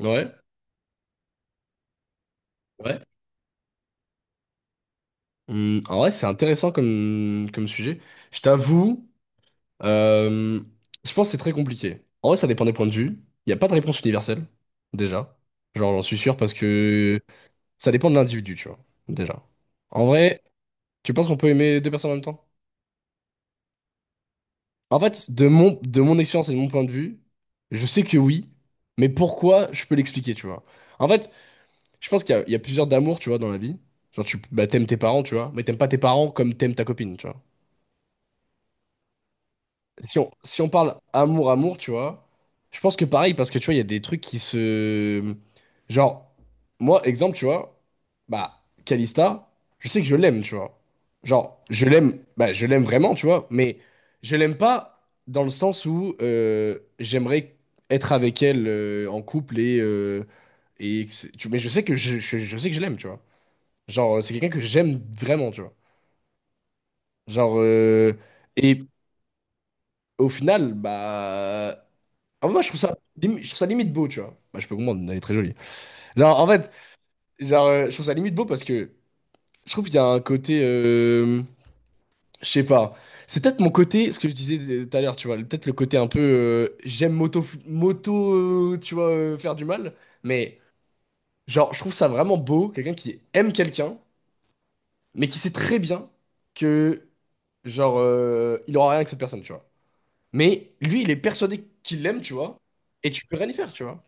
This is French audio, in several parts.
Ouais, ouais. En vrai, c'est intéressant comme sujet. Je t'avoue, euh, je pense que c'est très compliqué. En vrai, ça dépend des points de vue. Il n'y a pas de réponse universelle, déjà. Genre, j'en suis sûr parce que ça dépend de l'individu, tu vois, déjà. En vrai, tu penses qu'on peut aimer deux personnes en même temps? En fait, de mon expérience et de mon point de vue, je sais que oui, mais pourquoi, je peux l'expliquer, tu vois. En fait, je pense qu'il y a plusieurs d'amour, tu vois, dans la vie. Genre, tu bah, t'aimes tes parents, tu vois, mais t'aimes pas tes parents comme t'aimes ta copine, tu vois. Si on parle amour-amour, tu vois, je pense que pareil, parce que tu vois, il y a des trucs qui se... Genre, moi, exemple, tu vois, bah, Calista, je sais que je l'aime, tu vois. Genre, je l'aime, bah, je l'aime vraiment, tu vois, mais je l'aime pas dans le sens où j'aimerais être avec elle en couple et que mais je sais que je sais que je l'aime, tu vois. Genre, c'est quelqu'un que j'aime vraiment, tu vois. Genre, euh, et au final, bah... Ah, moi, je trouve ça, je trouve ça limite beau, tu vois. Bah, je peux comprendre, elle est très jolie. Genre, en fait, je trouve ça limite beau parce que je trouve qu'il y a un côté, je sais pas. C'est peut-être mon côté, ce que je disais tout à l'heure, tu vois. Peut-être le côté un peu, j'aime moto, moto, tu vois, faire du mal. Mais, genre, je trouve ça vraiment beau, quelqu'un qui aime quelqu'un, mais qui sait très bien que, il aura rien avec cette personne, tu vois. Mais lui, il est persuadé qu'il l'aime, tu vois. Et tu peux rien y faire, tu vois.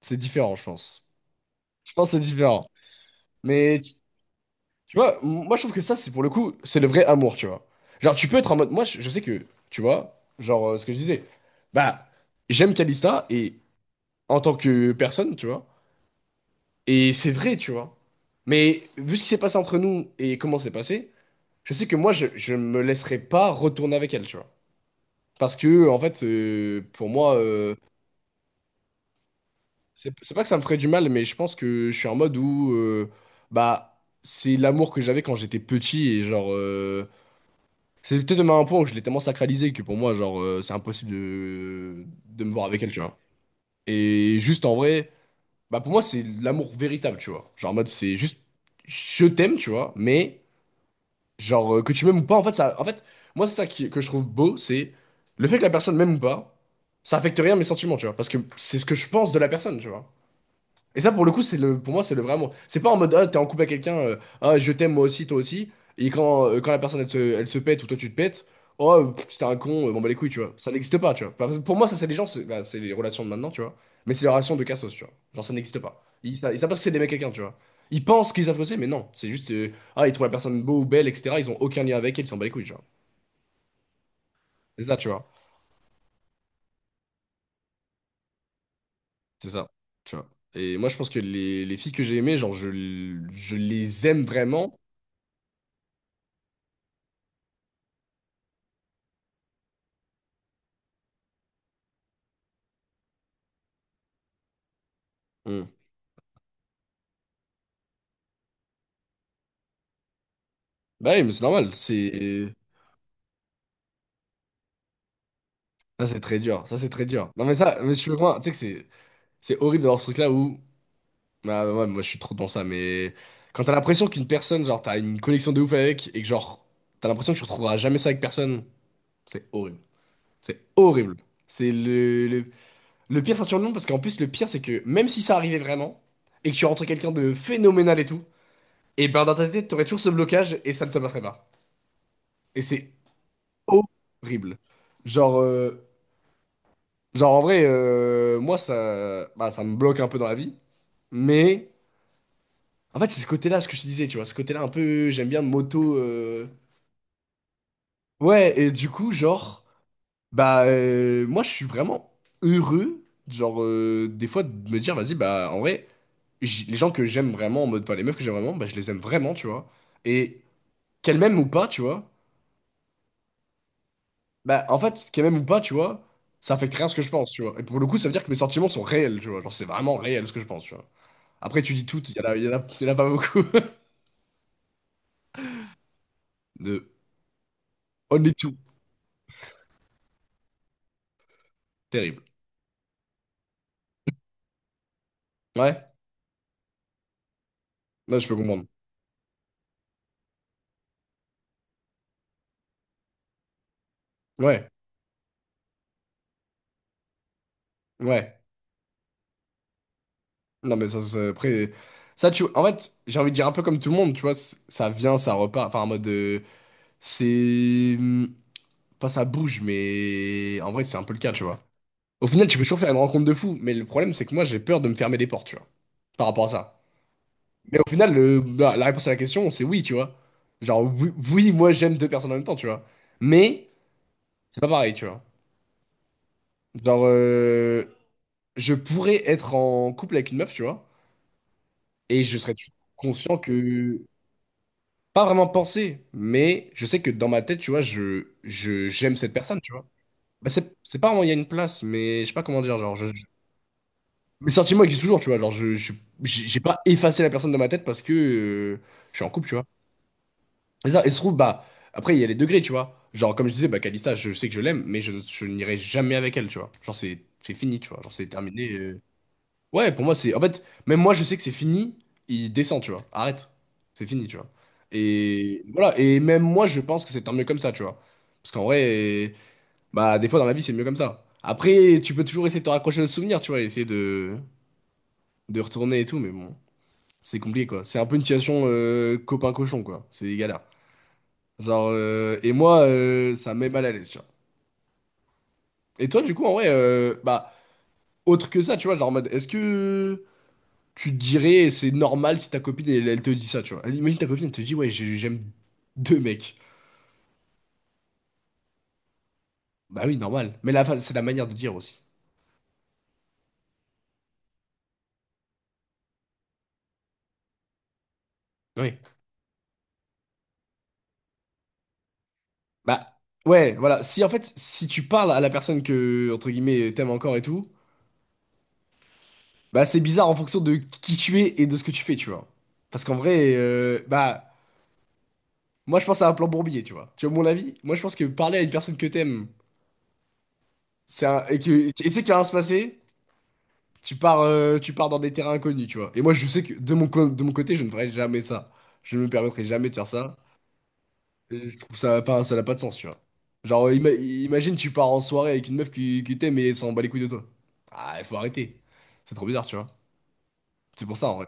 C'est différent, je pense. Je pense que c'est différent. Mais tu vois, moi je trouve que ça, c'est pour le coup, c'est le vrai amour, tu vois. Genre, tu peux être en mode. Moi, je sais que, tu vois, ce que je disais, bah, j'aime Kalista et en tant que personne, tu vois. Et c'est vrai, tu vois. Mais vu ce qui s'est passé entre nous et comment c'est passé, je sais que moi, je me laisserai pas retourner avec elle, tu vois. Parce que, en fait, pour moi, c'est pas que ça me ferait du mal, mais je pense que je suis en mode où bah c'est l'amour que j'avais quand j'étais petit et c'est peut-être même un point où je l'ai tellement sacralisé que pour moi c'est impossible de me voir avec elle, tu vois. Et juste en vrai, bah pour moi c'est l'amour véritable, tu vois. Genre en mode c'est juste je t'aime, tu vois, mais que tu m'aimes ou pas, en fait ça en fait moi c'est que je trouve beau, c'est le fait que la personne m'aime ou pas, ça affecte rien à mes sentiments, tu vois, parce que c'est ce que je pense de la personne, tu vois. Et ça, pour le coup, c'est le, pour moi, c'est le vrai amour. C'est pas en mode, ah, t'es en couple avec quelqu'un, ah, je t'aime, moi aussi, toi aussi. Et quand, quand la personne, elle se pète ou toi, tu te pètes, oh, pff, c'était un con, bon, bah les couilles, tu vois. Ça n'existe pas, tu vois. Enfin, pour moi, ça, c'est les gens, c'est bah, c'est les relations de maintenant, tu vois. Mais c'est les relations de cassos, tu vois. Genre, ça n'existe pas. Ils savent pas ce que c'est d'aimer quelqu'un, tu vois. Ils pensent qu'ils savent ce que c'est, mais non. C'est juste, ah, ils trouvent la personne beau ou belle, etc. Ils ont aucun lien avec elle, ils s'en battent les couilles, tu vois. C'est ça, tu vois. C'est ça, tu vois. Et moi, je pense que les filles que j'ai aimées, je les aime vraiment. Hmm, Bah oui, mais c'est normal. C'est ça, c'est très dur. Ça, c'est très dur. Non, mais ça, mais je suis loin. Tu sais que c'est horrible d'avoir ce truc-là où. Bah ouais, moi, je suis trop dans ça. Mais quand t'as l'impression qu'une personne, genre, t'as une connexion de ouf avec et que, genre, t'as l'impression que tu retrouveras jamais ça avec personne, c'est horrible. C'est horrible. C'est le pire ceinture de nom parce qu'en plus, le pire, c'est que même si ça arrivait vraiment et que tu rentres quelqu'un de phénoménal et tout, et ben dans ta tête, t'aurais toujours ce blocage et ça ne se passerait pas. Et c'est horrible. Genre. euh, Genre, en vrai, moi, ça, bah, ça me bloque un peu dans la vie. Mais, en fait, c'est ce côté-là, ce que je te disais, tu vois. Ce côté-là, un peu, j'aime bien moto. Ouais, et du coup, genre, bah, moi, je suis vraiment heureux, genre, des fois, de me dire, vas-y, bah, en vrai, les gens que j'aime vraiment, en mode, enfin, les meufs que j'aime vraiment, bah, je les aime vraiment, tu vois. Et qu'elles m'aiment ou pas, tu vois. Bah, en fait, qu'elles m'aiment ou pas, tu vois, ça affecte rien à ce que je pense, tu vois. Et pour le coup, ça veut dire que mes sentiments sont réels, tu vois. Genre, c'est vraiment réel ce que je pense, tu vois. Après, tu dis toutes, il y en a pas beaucoup. De Only Two. Terrible. Ouais, là je peux comprendre. Ouais, ouais. Non, mais après. Ça, tu. En fait, j'ai envie de dire un peu comme tout le monde, tu vois. Ça vient, ça repart. Enfin, en mode. C'est. Pas ça bouge, mais. En vrai, c'est un peu le cas, tu vois. Au final, tu peux toujours faire une rencontre de fou, mais le problème, c'est que moi, j'ai peur de me fermer les portes, tu vois. Par rapport à ça. Mais au final, la réponse à la question, c'est oui, tu vois. Genre, oui, oui, moi, j'aime deux personnes en même temps, tu vois. Mais, c'est pas pareil, tu vois. Genre, je pourrais être en couple avec une meuf, tu vois, et je serais toujours conscient que... Pas vraiment penser, mais je sais que dans ma tête, tu vois, j'aime cette personne, tu vois. Bah, c'est pas vraiment, il y a une place, mais je sais pas comment dire, mes sentiments existent toujours, tu vois, j'ai pas effacé la personne de ma tête parce que je suis en couple, tu vois. Et ça, et se trouve, bah, après, il y a les degrés, tu vois. Genre, comme je disais, bah, Kalista, sais que je l'aime, mais je n'irai jamais avec elle, tu vois. Genre, c'est fini, tu vois, genre, c'est terminé. Ouais, pour moi, c'est. En fait, même moi, je sais que c'est fini. Il descend, tu vois. Arrête. C'est fini, tu vois. Et voilà. Et même moi, je pense que c'est tant mieux comme ça, tu vois. Parce qu'en vrai, bah, des fois, dans la vie, c'est mieux comme ça. Après, tu peux toujours essayer de te raccrocher au souvenir, tu vois, de retourner et tout, mais bon, c'est compliqué, quoi. C'est un peu une situation copain-cochon, quoi. C'est galère. Et moi, ça me met mal à l'aise, tu vois. Et toi, du coup, en vrai, bah, autre que ça, tu vois, genre en mode, est-ce que. Tu te dirais, c'est normal si ta copine, elle te dit ça, tu vois. Imagine ta copine, elle te dit, ouais, j'aime deux mecs. Bah oui, normal. Mais la, c'est la manière de dire aussi. Oui. Bah, ouais, voilà. Si, en fait, si tu parles à la personne que, entre guillemets, t'aimes encore et tout, bah c'est bizarre en fonction de qui tu es et de ce que tu fais, tu vois. Parce qu'en vrai, bah, moi, je pense à un plan bourbier, tu vois. Tu vois, mon avis, moi, je pense que parler à une personne que t'aimes, c'est un, et que, et tu sais qu'il va rien se passer, tu pars, tu pars dans des terrains inconnus, tu vois. Et moi, je sais que de mon côté, je ne ferai jamais ça. Je ne me permettrai jamais de faire ça. Et je trouve ça pas, ça n'a pas de sens, tu vois. Genre, imagine, tu pars en soirée avec une meuf qui t'aime et elle s'en bat les couilles de toi. Ah, il faut arrêter. C'est trop bizarre, tu vois. C'est pour ça, en vrai.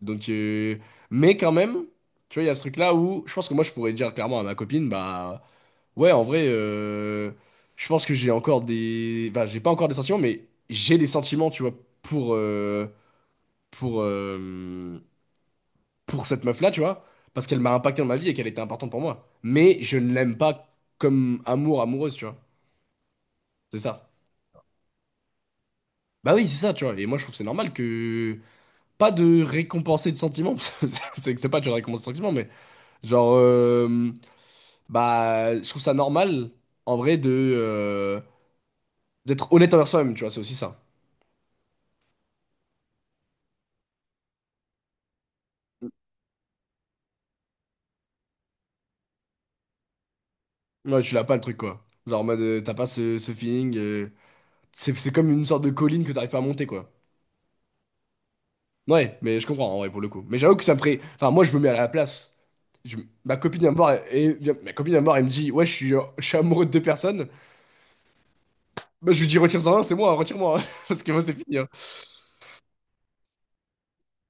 Donc, mais quand même, tu vois, il y a ce truc-là où je pense que moi, je pourrais dire clairement à ma copine, bah, ouais, en vrai, je pense que j'ai encore des. Enfin, j'ai pas encore des sentiments, mais j'ai des sentiments, tu vois, pour. euh, pour, euh, pour cette meuf-là, tu vois, parce qu'elle m'a impacté dans ma vie et qu'elle était importante pour moi. Mais je ne l'aime pas comme amour, amoureuse, tu vois. C'est ça. Bah oui, c'est ça, tu vois. Et moi, je trouve que c'est normal que... Pas de récompenser de sentiments, parce que c'est pas de récompenser de sentiments, mais genre... euh, bah, je trouve ça normal, en vrai, de... euh, d'être honnête envers soi-même, tu vois, c'est aussi ça. Ouais, tu l'as pas le truc, quoi. Genre en mode, t'as pas ce feeling... c'est comme une sorte de colline que t'arrives pas à monter, quoi. Ouais, mais je comprends, en vrai, pour le coup. Mais j'avoue que ça me ferait... Enfin, moi, je me mets à la place. Je- Ma copine vient me voir, Ma copine vient me voir, elle me dit, ouais, je suis amoureux de deux personnes. Bah, je lui dis, retire-en un, c'est moi, retire-moi, hein. Parce que moi, c'est fini, hein.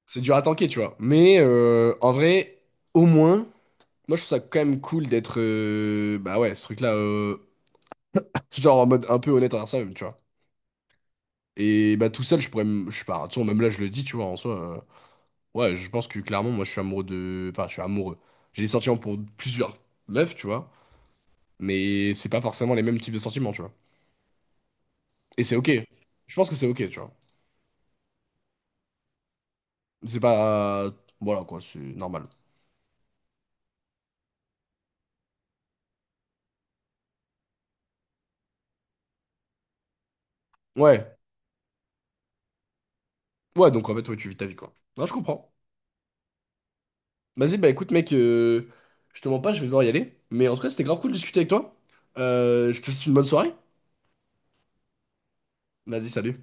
C'est dur à tanker, tu vois. Mais en vrai, au moins, moi, je trouve ça quand même cool d'être... Bah ouais, ce truc-là, genre en mode un peu honnête envers soi-même, tu vois. Et bah tout seul, je Je sais pas, hein, tu vois, même là, je le dis, tu vois, en soi... Ouais, je pense que clairement, moi, je suis amoureux de. Enfin, je suis amoureux. J'ai des sentiments pour plusieurs meufs, tu vois. Mais c'est pas forcément les mêmes types de sentiments, tu vois. Et c'est ok. Je pense que c'est ok, tu vois. C'est pas. Voilà, quoi, c'est normal. Ouais. Ouais, donc en fait, ouais, tu vis ta vie, quoi. Non, je comprends. Vas-y, bah écoute, mec, je te mens pas, je vais devoir y aller. Mais en tout cas, c'était grave cool de discuter avec toi. Je te souhaite une bonne soirée. Vas-y, salut.